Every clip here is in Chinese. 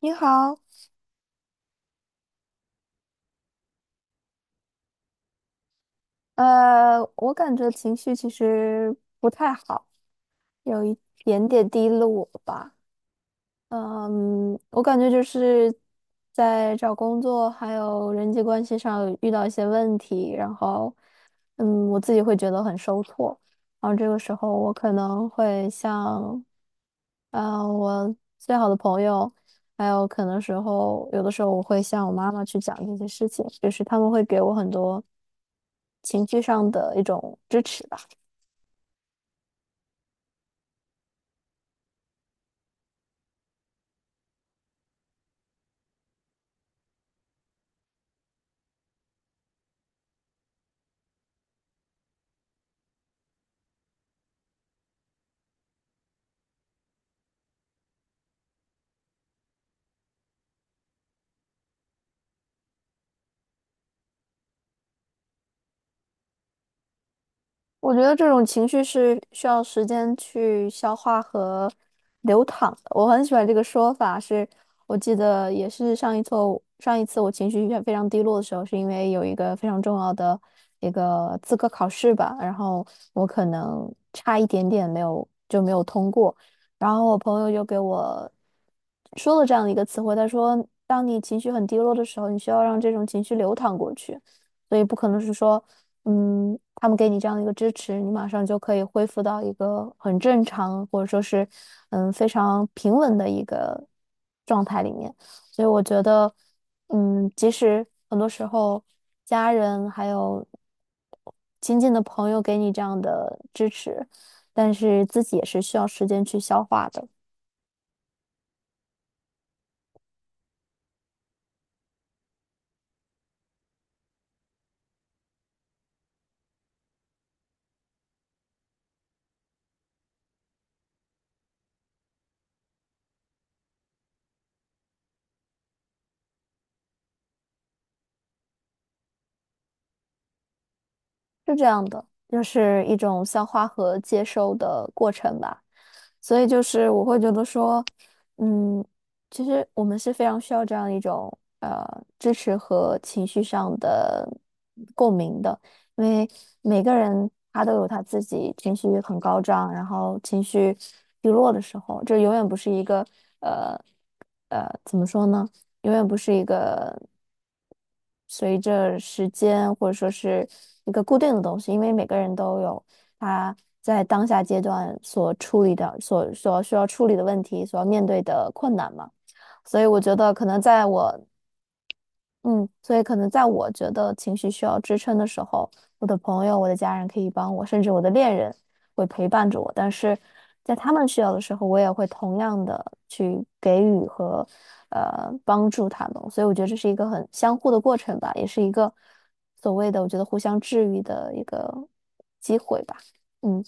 你好，我感觉情绪其实不太好，有一点点低落吧。嗯，我感觉就是在找工作还有人际关系上遇到一些问题，然后，嗯，我自己会觉得很受挫，然后这个时候我可能会向，我最好的朋友，还有可能时候有的时候我会向我妈妈去讲这些事情，就是他们会给我很多情绪上的一种支持。我觉得这种情绪是需要时间去消化和流淌的。我很喜欢这个说法是，我记得也是上一次我情绪非常低落的时候，是因为有一个非常重要的一个资格考试吧，然后我可能差一点点没有通过，然后我朋友就给我说了这样的一个词汇，他说，当你情绪很低落的时候，你需要让这种情绪流淌过去。所以不可能是说嗯，他们给你这样的一个支持，你马上就可以恢复到一个很正常，或者说是嗯非常平稳的一个状态里面。所以我觉得，嗯，即使很多时候家人还有亲近的朋友给你这样的支持，但是自己也是需要时间去消化的。是这样的，就是一种消化和接收的过程吧。所以就是我会觉得说，嗯，其实我们是非常需要这样一种支持和情绪上的共鸣的，因为每个人他都有他自己情绪很高涨，然后情绪低落的时候，这永远不是一个呃怎么说呢？永远不是一个随着时间或者说是一个固定的东西，因为每个人都有他在当下阶段所处理的、所需要处理的问题，所要面对的困难嘛。所以我觉得，可能在我嗯，所以可能在我觉得情绪需要支撑的时候，我的朋友、我的家人可以帮我，甚至我的恋人会陪伴着我。但是在他们需要的时候，我也会同样的去给予和帮助他们。所以我觉得这是一个很相互的过程吧，也是一个所谓的我觉得互相治愈的一个，嗯，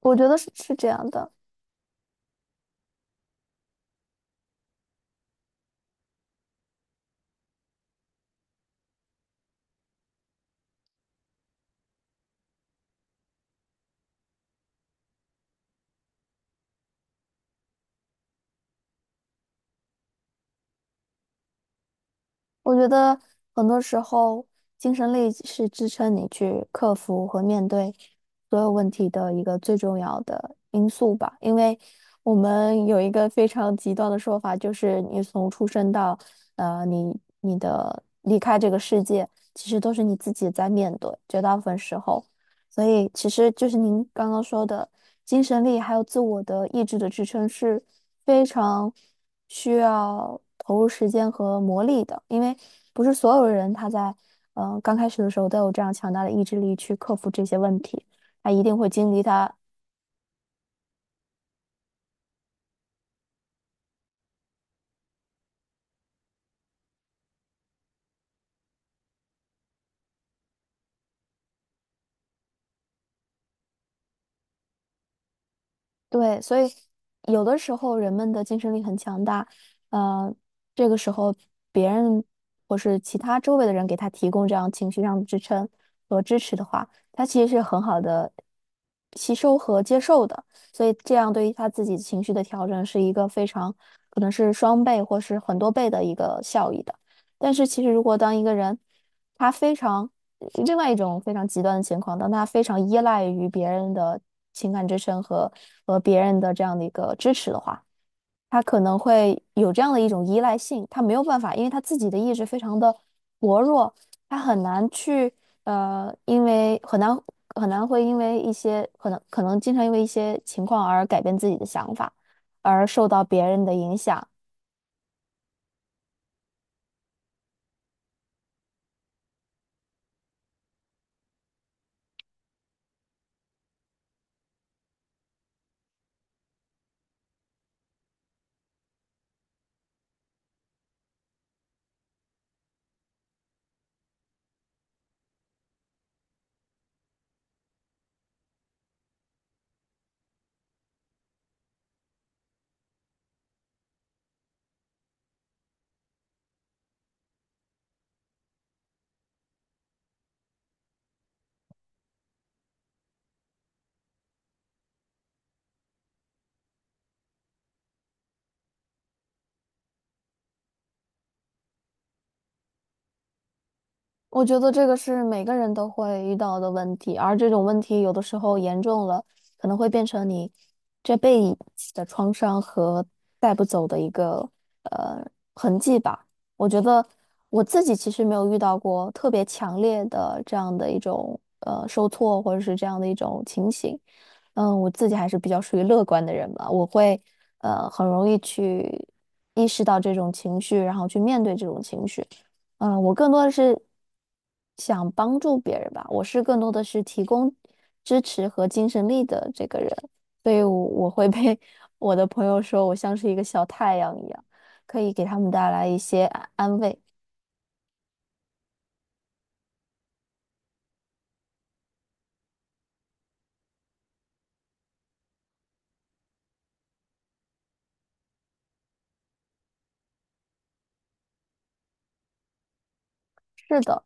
我觉得是这样的。我觉得很多时候，精神力是支撑你去克服和面对所有问题的一个最重要的因素吧。因为我们有一个非常极端的说法，就是你从出生到呃你你的离开这个世界，其实都是你自己在面对，绝大部分时候。所以其实就是您刚刚说的。精神力还有自我的意志的支撑是非常需要投入时间和磨砺的，因为不是所有人他在刚开始的时候都有这样强大的意志力去克服这些问题，他一定会经历他对，所以有的时候人们的精神力很强大，呃，这个时候别人或是其他周围的人给他提供这样情绪上的支撑和支持的话，他其实是很好的吸收和接受的，所以这样对于他自己情绪的调整是一个非常可能是双倍或是很多倍的一个效益的。但是其实如果当一个人他非常另外一种非常极端的情况，当他非常依赖于别人的情感支撑和别人的这样的一个支持的话，他可能会有这样的一种依赖性，他没有办法，因为他自己的意志非常的薄弱，他很难去很难会因为一些可能经常因为一些情况而改变自己的想法，而受到别人的影响。我觉得这个是每个人都会遇到的问题，而这种问题有的时候严重了，可能会变成你这辈子的创伤和带不走的一个呃痕迹吧。我觉得我自己其实没有遇到过特别强烈的这样的一种受挫或者是这样的一种情形。嗯，我自己还是比较属于乐观的人吧，我会很容易去意识到这种情绪，然后去面对这种情绪。嗯，我更多的是想帮助别人吧，我是更多的是提供支持和精神力的这个人，所以我会被 我的朋友说我像是一个小太阳一样，可以给他们带来一些安慰。是的。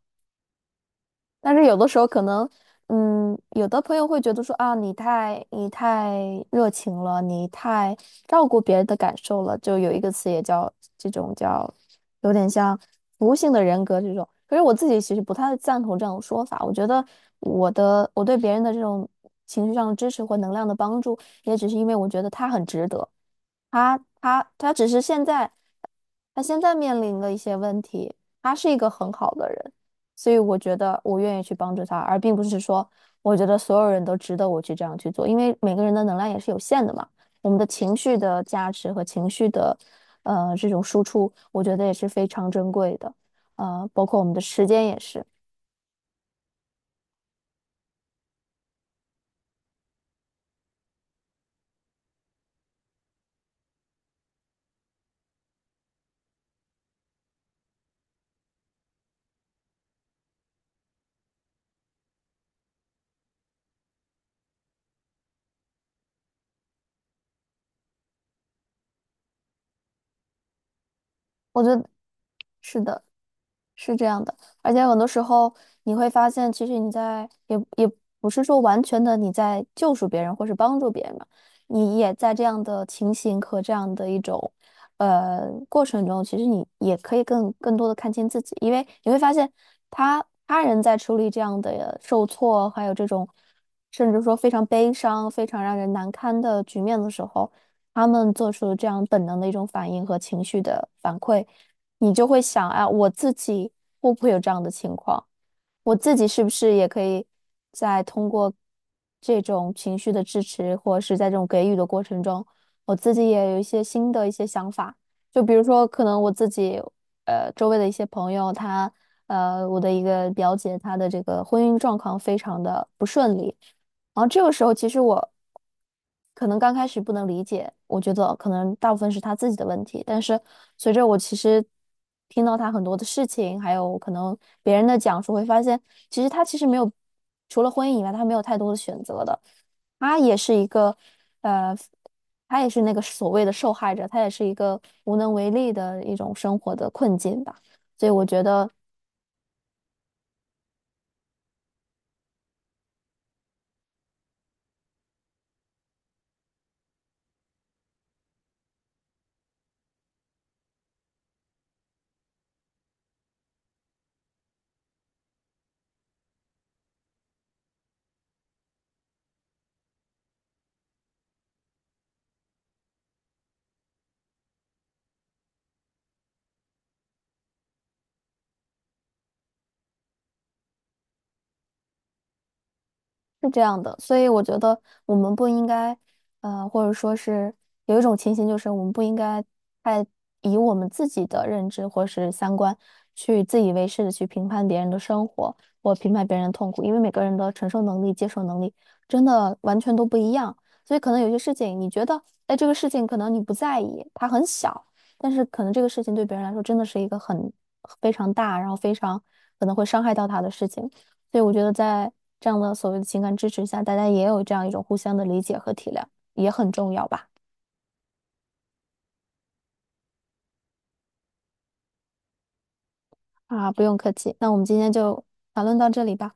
但是有的时候可能，嗯，有的朋友会觉得说啊，你太热情了，你太照顾别人的感受了，就有一个词也叫这种叫，有点像服务性的人格这种。可是我自己其实不太赞同这种说法，我觉得我对别人的这种情绪上的支持或能量的帮助，也只是因为我觉得他很值得。他只是现在，他现在面临了一些问题。他是一个很好的人，所以我觉得我愿意去帮助他，而并不是说我觉得所有人都值得我去这样去做，因为每个人的能量也是有限的嘛。我们的情绪的价值和情绪的这种输出，我觉得也是非常珍贵的，包括我们的时间也是。我觉得是的。是这样的，而且很多时候你会发现，其实你在也不是说完全的你在救赎别人或是帮助别人嘛，你也在这样的情形和这样的一种过程中，其实你也可以更多的看清自己，因为你会发现他人在处理这样的受挫，还有这种甚至说非常悲伤、非常让人难堪的局面的时候，他们做出这样本能的一种反应和情绪的反馈。你就会想，啊，我自己会不会有这样的情况？我自己是不是也可以在通过这种情绪的支持，或者是在这种给予的过程中，我自己也有一些新的一些想法。就比如说，可能我自己周围的一些朋友，我的一个表姐，她的这个婚姻状况非常的不顺利，然后这个时候，其实我可能刚开始不能理解，我觉得可能大部分是他自己的问题。但是随着我其实听到他很多的事情，还有可能别人的讲述，会发现其实没有除了婚姻以外，他没有太多的选择的。他也是一个呃，他也是那个所谓的受害者，他也是一个无能为力的一种生活的困境吧。所以我觉得。是这样的，所以我觉得我们不应该，或者说是有一种情形，就是我们不应该太以我们自己的认知或是三观去自以为是的去评判别人的生活或评判别人的痛苦，因为每个人的承受能力、接受能力真的完全都不一样，所以可能有些事情你觉得，哎，这个事情可能你不在意，它很小，但是可能这个事情对别人来说真的是一个很非常大，然后非常可能会伤害到他的事情。所以我觉得在这样的所谓的情感支持下，大家也有这样一种互相的理解和体谅，也很重要吧。啊，不用客气，那我们今天就讨论到这里吧。